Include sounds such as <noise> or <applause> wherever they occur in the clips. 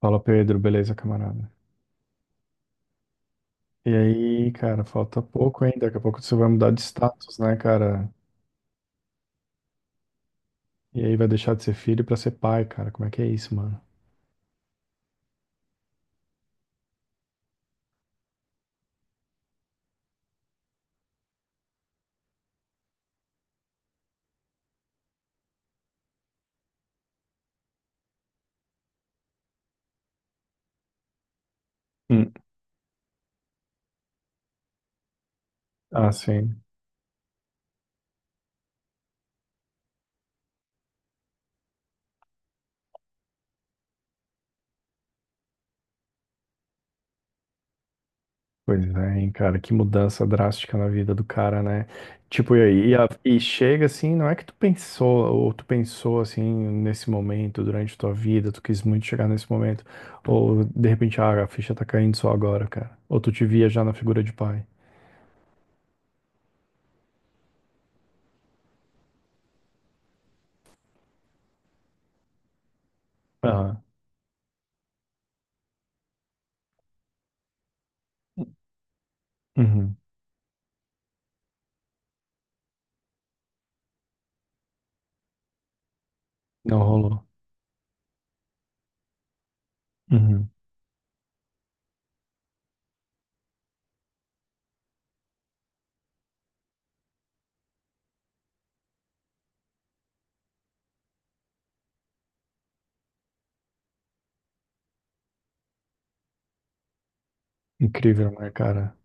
Fala, Pedro, beleza, camarada? E aí, cara, falta pouco ainda. Daqui a pouco você vai mudar de status, né, cara? E aí vai deixar de ser filho pra ser pai, cara. Como é que é isso, mano? Hum. Ah, sim. Pois é, hein, cara, que mudança drástica na vida do cara, né? Tipo, e aí, e chega assim, não é que tu pensou, ou tu pensou assim, nesse momento, durante tua vida, tu quis muito chegar nesse momento, ou de repente, ah, a ficha tá caindo só agora, cara. Ou tu te via já na figura de pai. Ah, uhum. Não rolou. Uhum. Incrível, né, cara?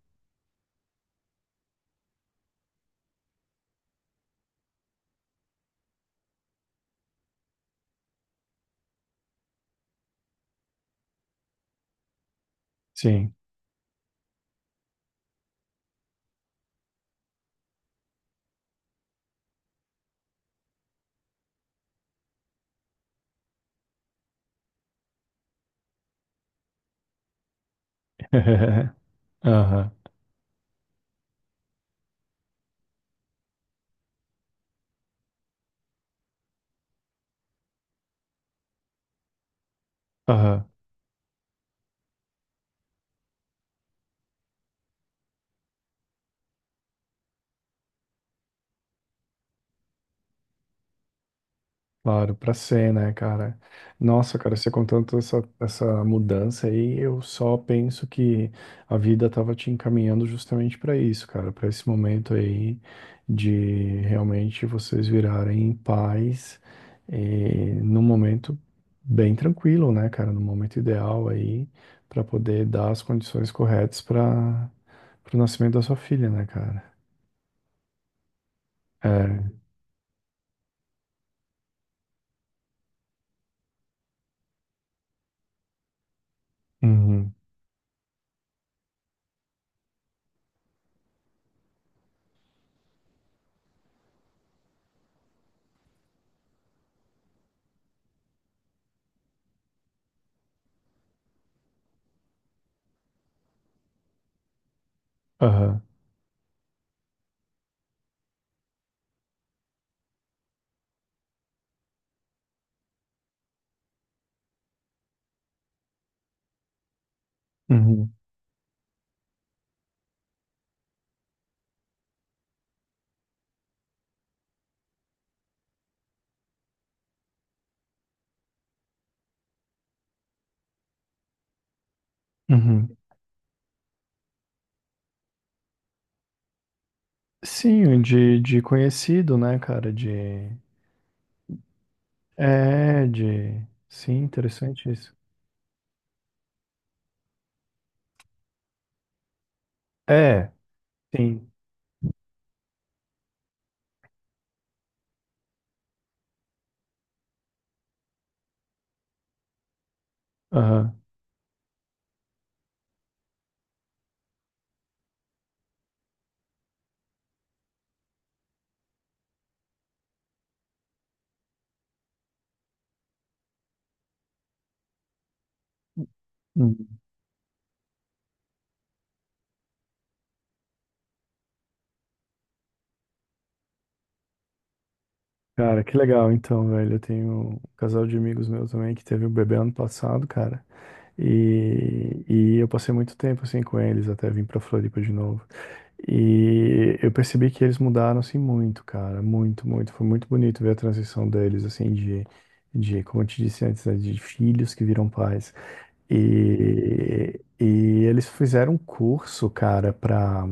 Sim. <laughs> Aham, aham. Claro, pra ser, né, cara? Nossa, cara, você contando essa mudança aí, eu só penso que a vida tava te encaminhando justamente pra isso, cara, pra esse momento aí de realmente vocês virarem pais e num momento bem tranquilo, né, cara? No momento ideal aí, pra poder dar as condições corretas para o nascimento da sua filha, né, cara? É. Uhum. Aham. Uhum. Uhum. Sim, de conhecido, né, cara? De. É, de. Sim, interessante isso. É, sim. Aham. Uhum. Cara, que legal, então, velho. Eu tenho um casal de amigos meus também que teve um bebê ano passado, cara. E eu passei muito tempo assim com eles até vir pra Floripa de novo. E eu percebi que eles mudaram assim muito, cara, muito, muito. Foi muito bonito ver a transição deles assim de como eu te disse antes, né, de filhos que viram pais. E eles fizeram um curso, cara, pra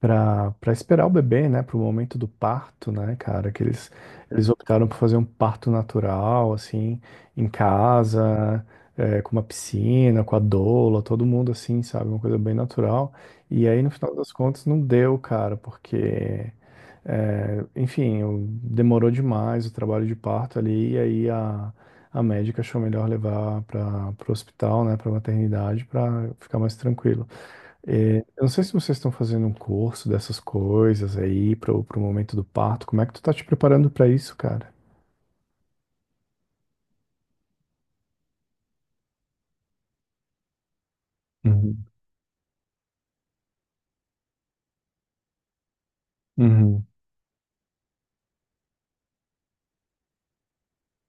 para pra esperar o bebê, né, para o momento do parto, né, cara, que eles optaram por fazer um parto natural, assim, em casa, é, com uma piscina, com a doula, todo mundo assim, sabe, uma coisa bem natural. E aí, no final das contas, não deu, cara, porque, é, enfim, demorou demais o trabalho de parto ali, e aí a médica achou melhor levar para o hospital, né, pra maternidade, para ficar mais tranquilo. É, eu não sei se vocês estão fazendo um curso dessas coisas aí pro momento do parto. Como é que tu tá te preparando pra isso, cara? Uhum, uhum,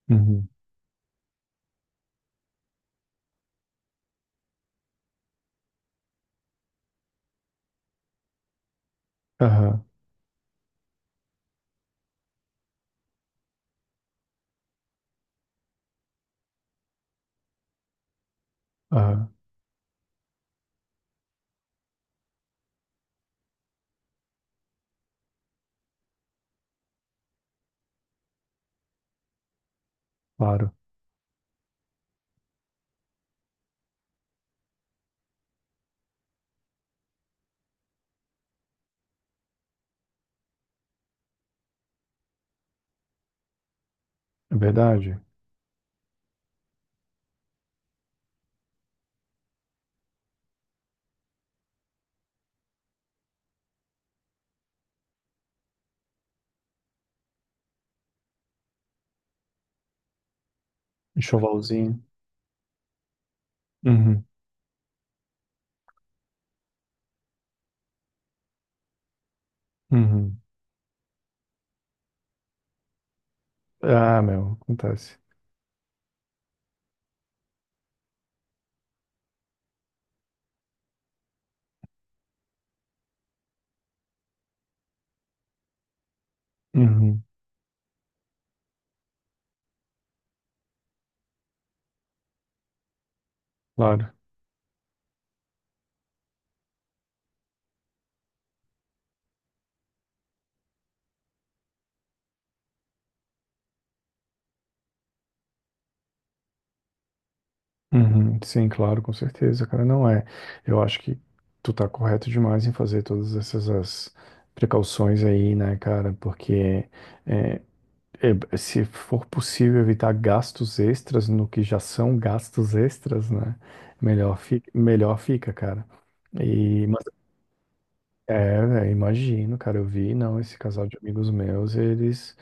uhum, aham, aham, claro. É verdade. Enxovalzinho. Uhum, uhum, ah, meu, acontece. Uhum, claro. Uhum. Sim, claro, com certeza, cara. Não é. Eu acho que tu tá correto demais em fazer todas essas as precauções aí, né, cara? Porque é, se for possível evitar gastos extras no que já são gastos extras, né? Melhor fica, cara. E, mas, é, velho, imagino, cara, eu vi, não, esse casal de amigos meus, eles,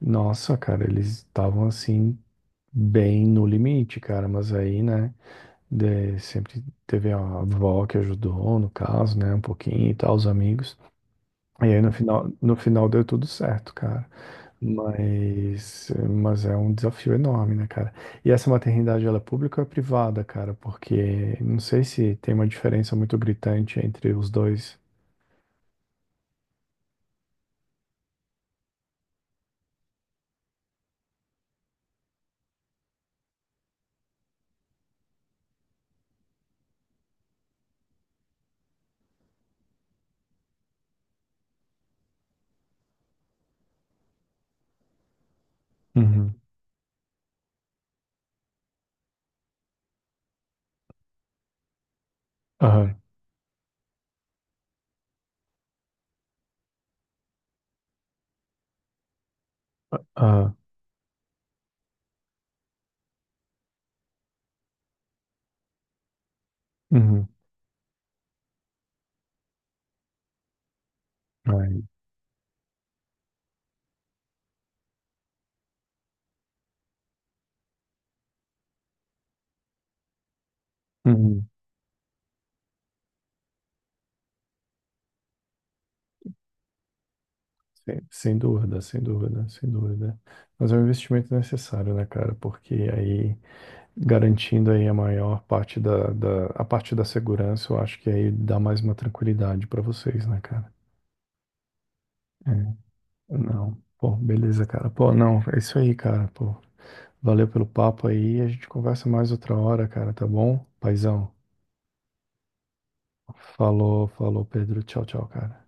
nossa, cara, eles estavam assim, bem no limite, cara, mas aí, né, sempre teve a avó que ajudou, no caso, né, um pouquinho e tal, os amigos. E aí no final, no final deu tudo certo, cara. Mas é um desafio enorme, né, cara? E essa maternidade, ela é pública ou é privada, cara? Porque não sei se tem uma diferença muito gritante entre os dois. Uhum. Aham. Aham. Uhum. Aí. Uhum. Sem, sem dúvida, sem dúvida, sem dúvida. Mas é um investimento necessário, né, cara? Porque aí, garantindo aí a maior parte a parte da segurança, eu acho que aí dá mais uma tranquilidade pra vocês, né, cara? É, não. Pô, beleza, cara. Pô, não, é isso aí, cara. Pô, valeu pelo papo aí. A gente conversa mais outra hora, cara, tá bom? Paizão. Falou, falou, Pedro. Tchau, tchau, cara.